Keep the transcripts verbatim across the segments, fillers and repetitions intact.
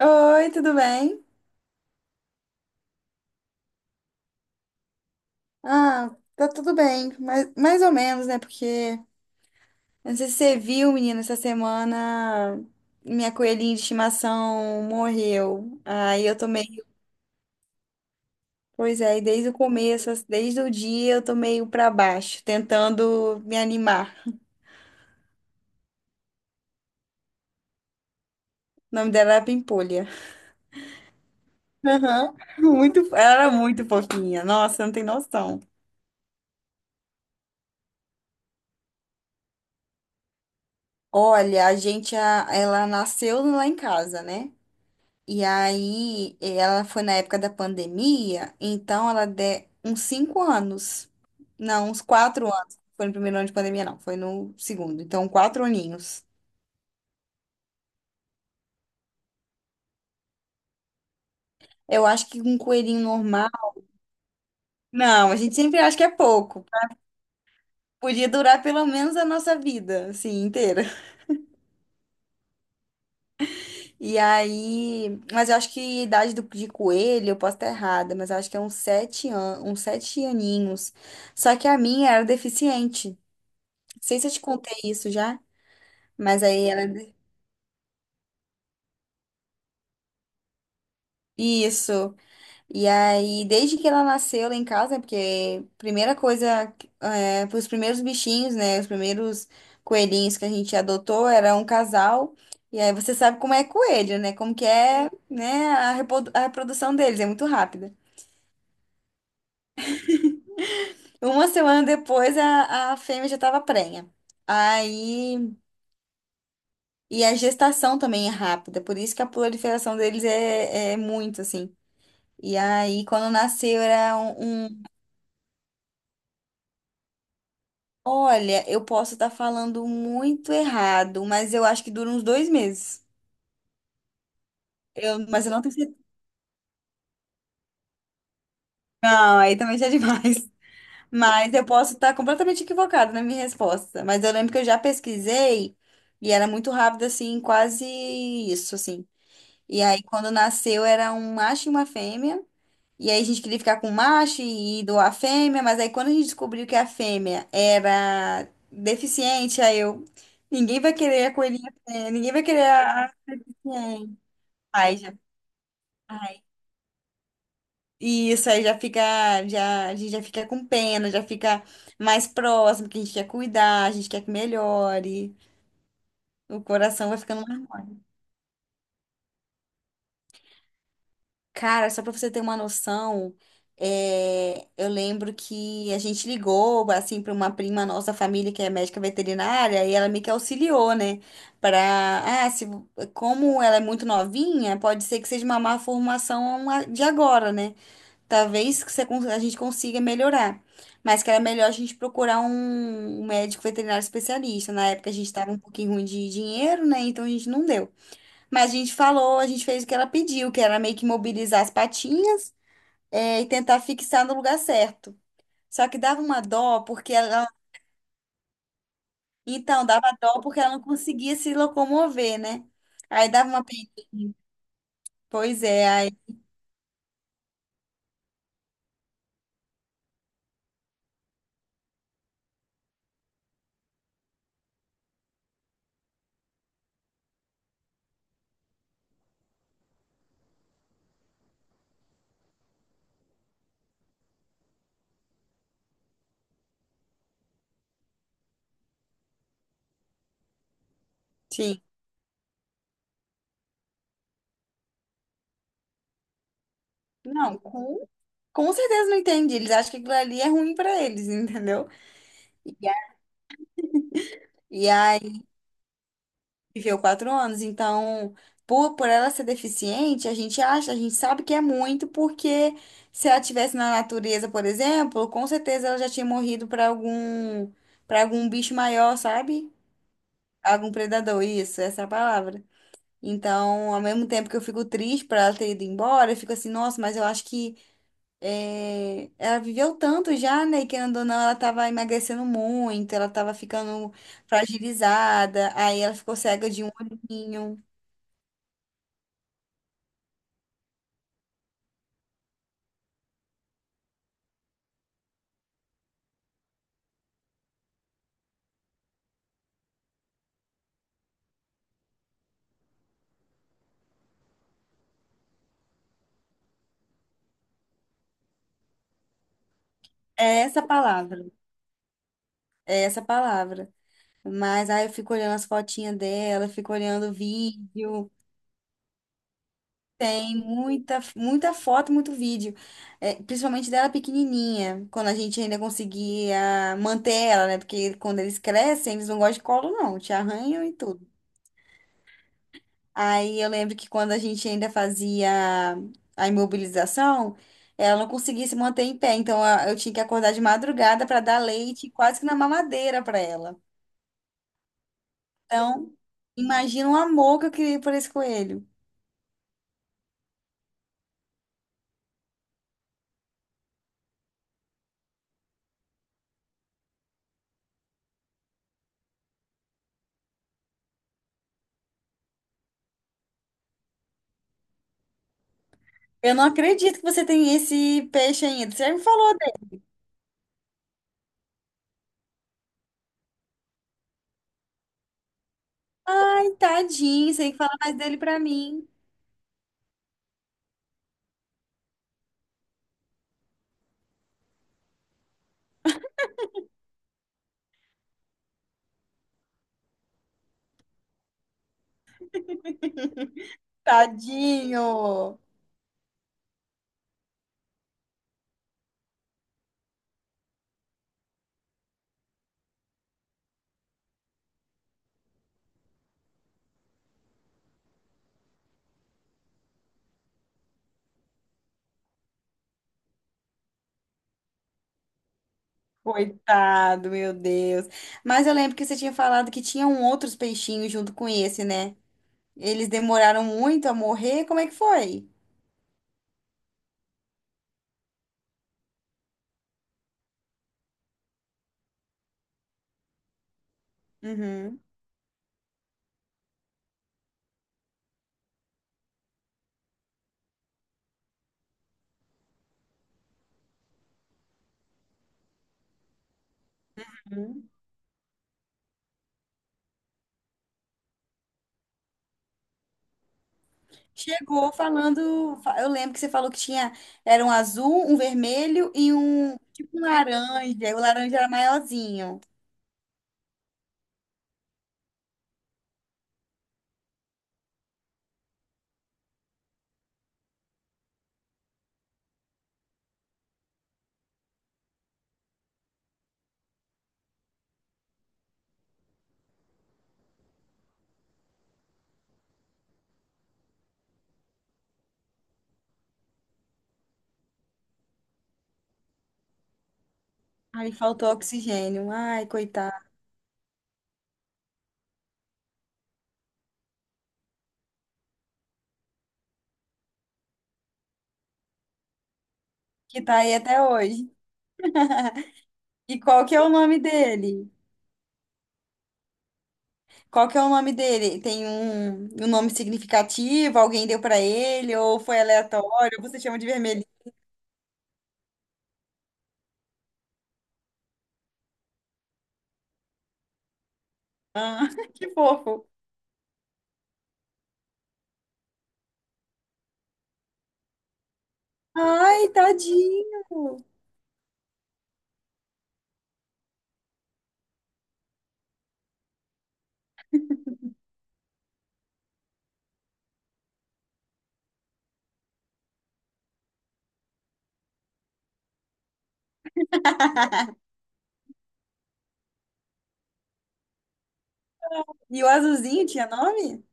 Oi, tudo bem? Ah, tá tudo bem, mas mais ou menos, né? Porque não sei se você viu, menina, essa semana minha coelhinha de estimação morreu. Aí eu tô meio, pois é, e desde o começo, desde o dia eu tô meio pra baixo, tentando me animar. O nome dela era Pimpolha. Aham. Muito, ela era muito fofinha. Nossa, não tem noção. Olha, a gente, a- ela nasceu lá em casa, né? E aí, ela foi na época da pandemia, então ela deu uns cinco anos. Não, uns quatro anos. Foi no primeiro ano de pandemia, não. Foi no segundo. Então, quatro aninhos. Eu acho que um coelhinho normal. Não, a gente sempre acha que é pouco. Podia durar pelo menos a nossa vida, assim, inteira. E aí. Mas eu acho que a idade do, de coelho, eu posso estar errada, mas eu acho que é uns sete anos uns sete aninhos. Só que a minha era deficiente. Não sei se eu te contei isso já. Mas aí ela. Isso. E aí, desde que ela nasceu lá em casa, porque primeira coisa, é, os primeiros bichinhos, né? Os primeiros coelhinhos que a gente adotou era um casal. E aí você sabe como é coelho, né? Como que é, né, a reprodu- a reprodução deles, é muito rápida. Uma semana depois a, a fêmea já estava prenha. Aí, e a gestação também é rápida, por isso que a proliferação deles é, é muito assim. E aí, quando nasceu, era um, um. Olha, eu posso estar falando muito errado, mas eu acho que dura uns dois meses. Eu, mas eu não tenho certeza. Não, aí também já é demais. Mas eu posso estar completamente equivocada na minha resposta. Mas eu lembro que eu já pesquisei e era muito rápido, assim, quase isso, assim. E aí, quando nasceu, era um macho e uma fêmea. E aí a gente queria ficar com o macho e doar a fêmea, mas aí quando a gente descobriu que a fêmea era deficiente, aí eu, ninguém vai querer a coelhinha, fêmea, ninguém vai querer a a deficiente. Aí já, ai, isso aí já fica, já, a gente já fica com pena, já fica mais próximo, que a gente quer cuidar, a gente quer que melhore. O coração vai ficando mais mole. Cara, só pra você ter uma noção, é, eu lembro que a gente ligou, assim, para uma prima nossa da família que é médica veterinária e ela meio que auxiliou, né? Para, ah, se, como ela é muito novinha, pode ser que seja uma má formação a- de agora, né? Talvez que você cons- a gente consiga melhorar, mas que era melhor a gente procurar um, um médico veterinário especialista. Na época a gente estava um pouquinho ruim de dinheiro, né? Então a gente não deu. Mas a gente falou, a gente fez o que ela pediu, que era meio que mobilizar as patinhas, é, e tentar fixar no lugar certo. Só que dava uma dó, porque ela. Então, dava dó porque ela não conseguia se locomover, né? Aí dava uma. Pe- Pois é, aí. Sim. Não, com, com certeza não entendi. Eles acham que aquilo ali é ruim pra eles, entendeu? E aí. Viveu quatro anos, então, por, por ela ser deficiente, a gente acha, a gente sabe que é muito, porque se ela tivesse na natureza, por exemplo, com certeza ela já tinha morrido para algum, para algum bicho maior, sabe? Algum predador, isso, essa é a palavra. Então, ao mesmo tempo que eu fico triste por ela ter ido embora, eu fico assim, nossa, mas eu acho que é, ela viveu tanto já, né? E querendo ou não, ela tava emagrecendo muito, ela tava ficando fragilizada, aí ela ficou cega de um olhinho. É essa palavra, é essa palavra. Mas aí eu fico olhando as fotinhas dela, fico olhando o vídeo. Tem muita, muita foto, muito vídeo. É, principalmente dela pequenininha, quando a gente ainda conseguia manter ela, né? Porque quando eles crescem, eles não gostam de colo, não, te arranham e tudo. Aí eu lembro que quando a gente ainda fazia a imobilização, ela não conseguia se manter em pé. Então a- eu tinha que acordar de madrugada para dar leite, quase que na mamadeira para ela. Então, imagina o amor que eu criei por esse coelho. Eu não acredito que você tem esse peixe ainda. Você já me falou dele. Ai, tadinho, você tem que falar mais dele pra mim. Tadinho! Coitado, meu Deus. Mas eu lembro que você tinha falado que tinham outros peixinhos junto com esse, né? Eles demoraram muito a morrer. Como é que foi? Uhum. Chegou falando, fa- eu lembro que você falou que tinha, era um azul, um vermelho e um tipo um laranja. E o laranja era maiorzinho. Aí faltou oxigênio. Ai, coitado. Que tá aí até hoje. E qual que é o nome dele? Qual que é o nome dele? Tem um, um nome significativo? Alguém deu pra ele? Ou foi aleatório? Você chama de vermelhinho? Ah, que fofo. Ai, tadinho. E o azulzinho tinha nome?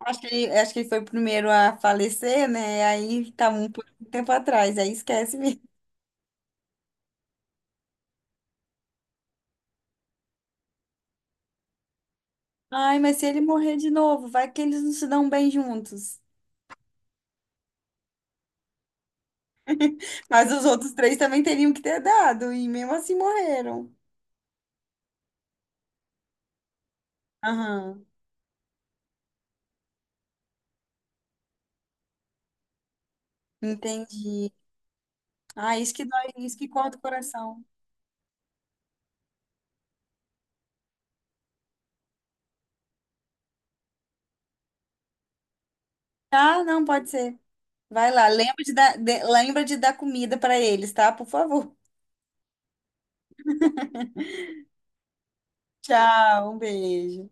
Acho que, ele- acho que ele foi o primeiro a falecer, né? Aí tá um pouco um tempo atrás, aí esquece mesmo. Ai, mas se ele morrer de novo, vai que eles não se dão bem juntos. Mas os outros três também teriam que ter dado, e mesmo assim morreram. Aham, entendi. Ah, isso que dói, isso que corta o coração. Ah, não, pode ser. Vai lá, lembra de dar, de- lembra de dar comida para eles, tá? Por favor. Tchau, um beijo.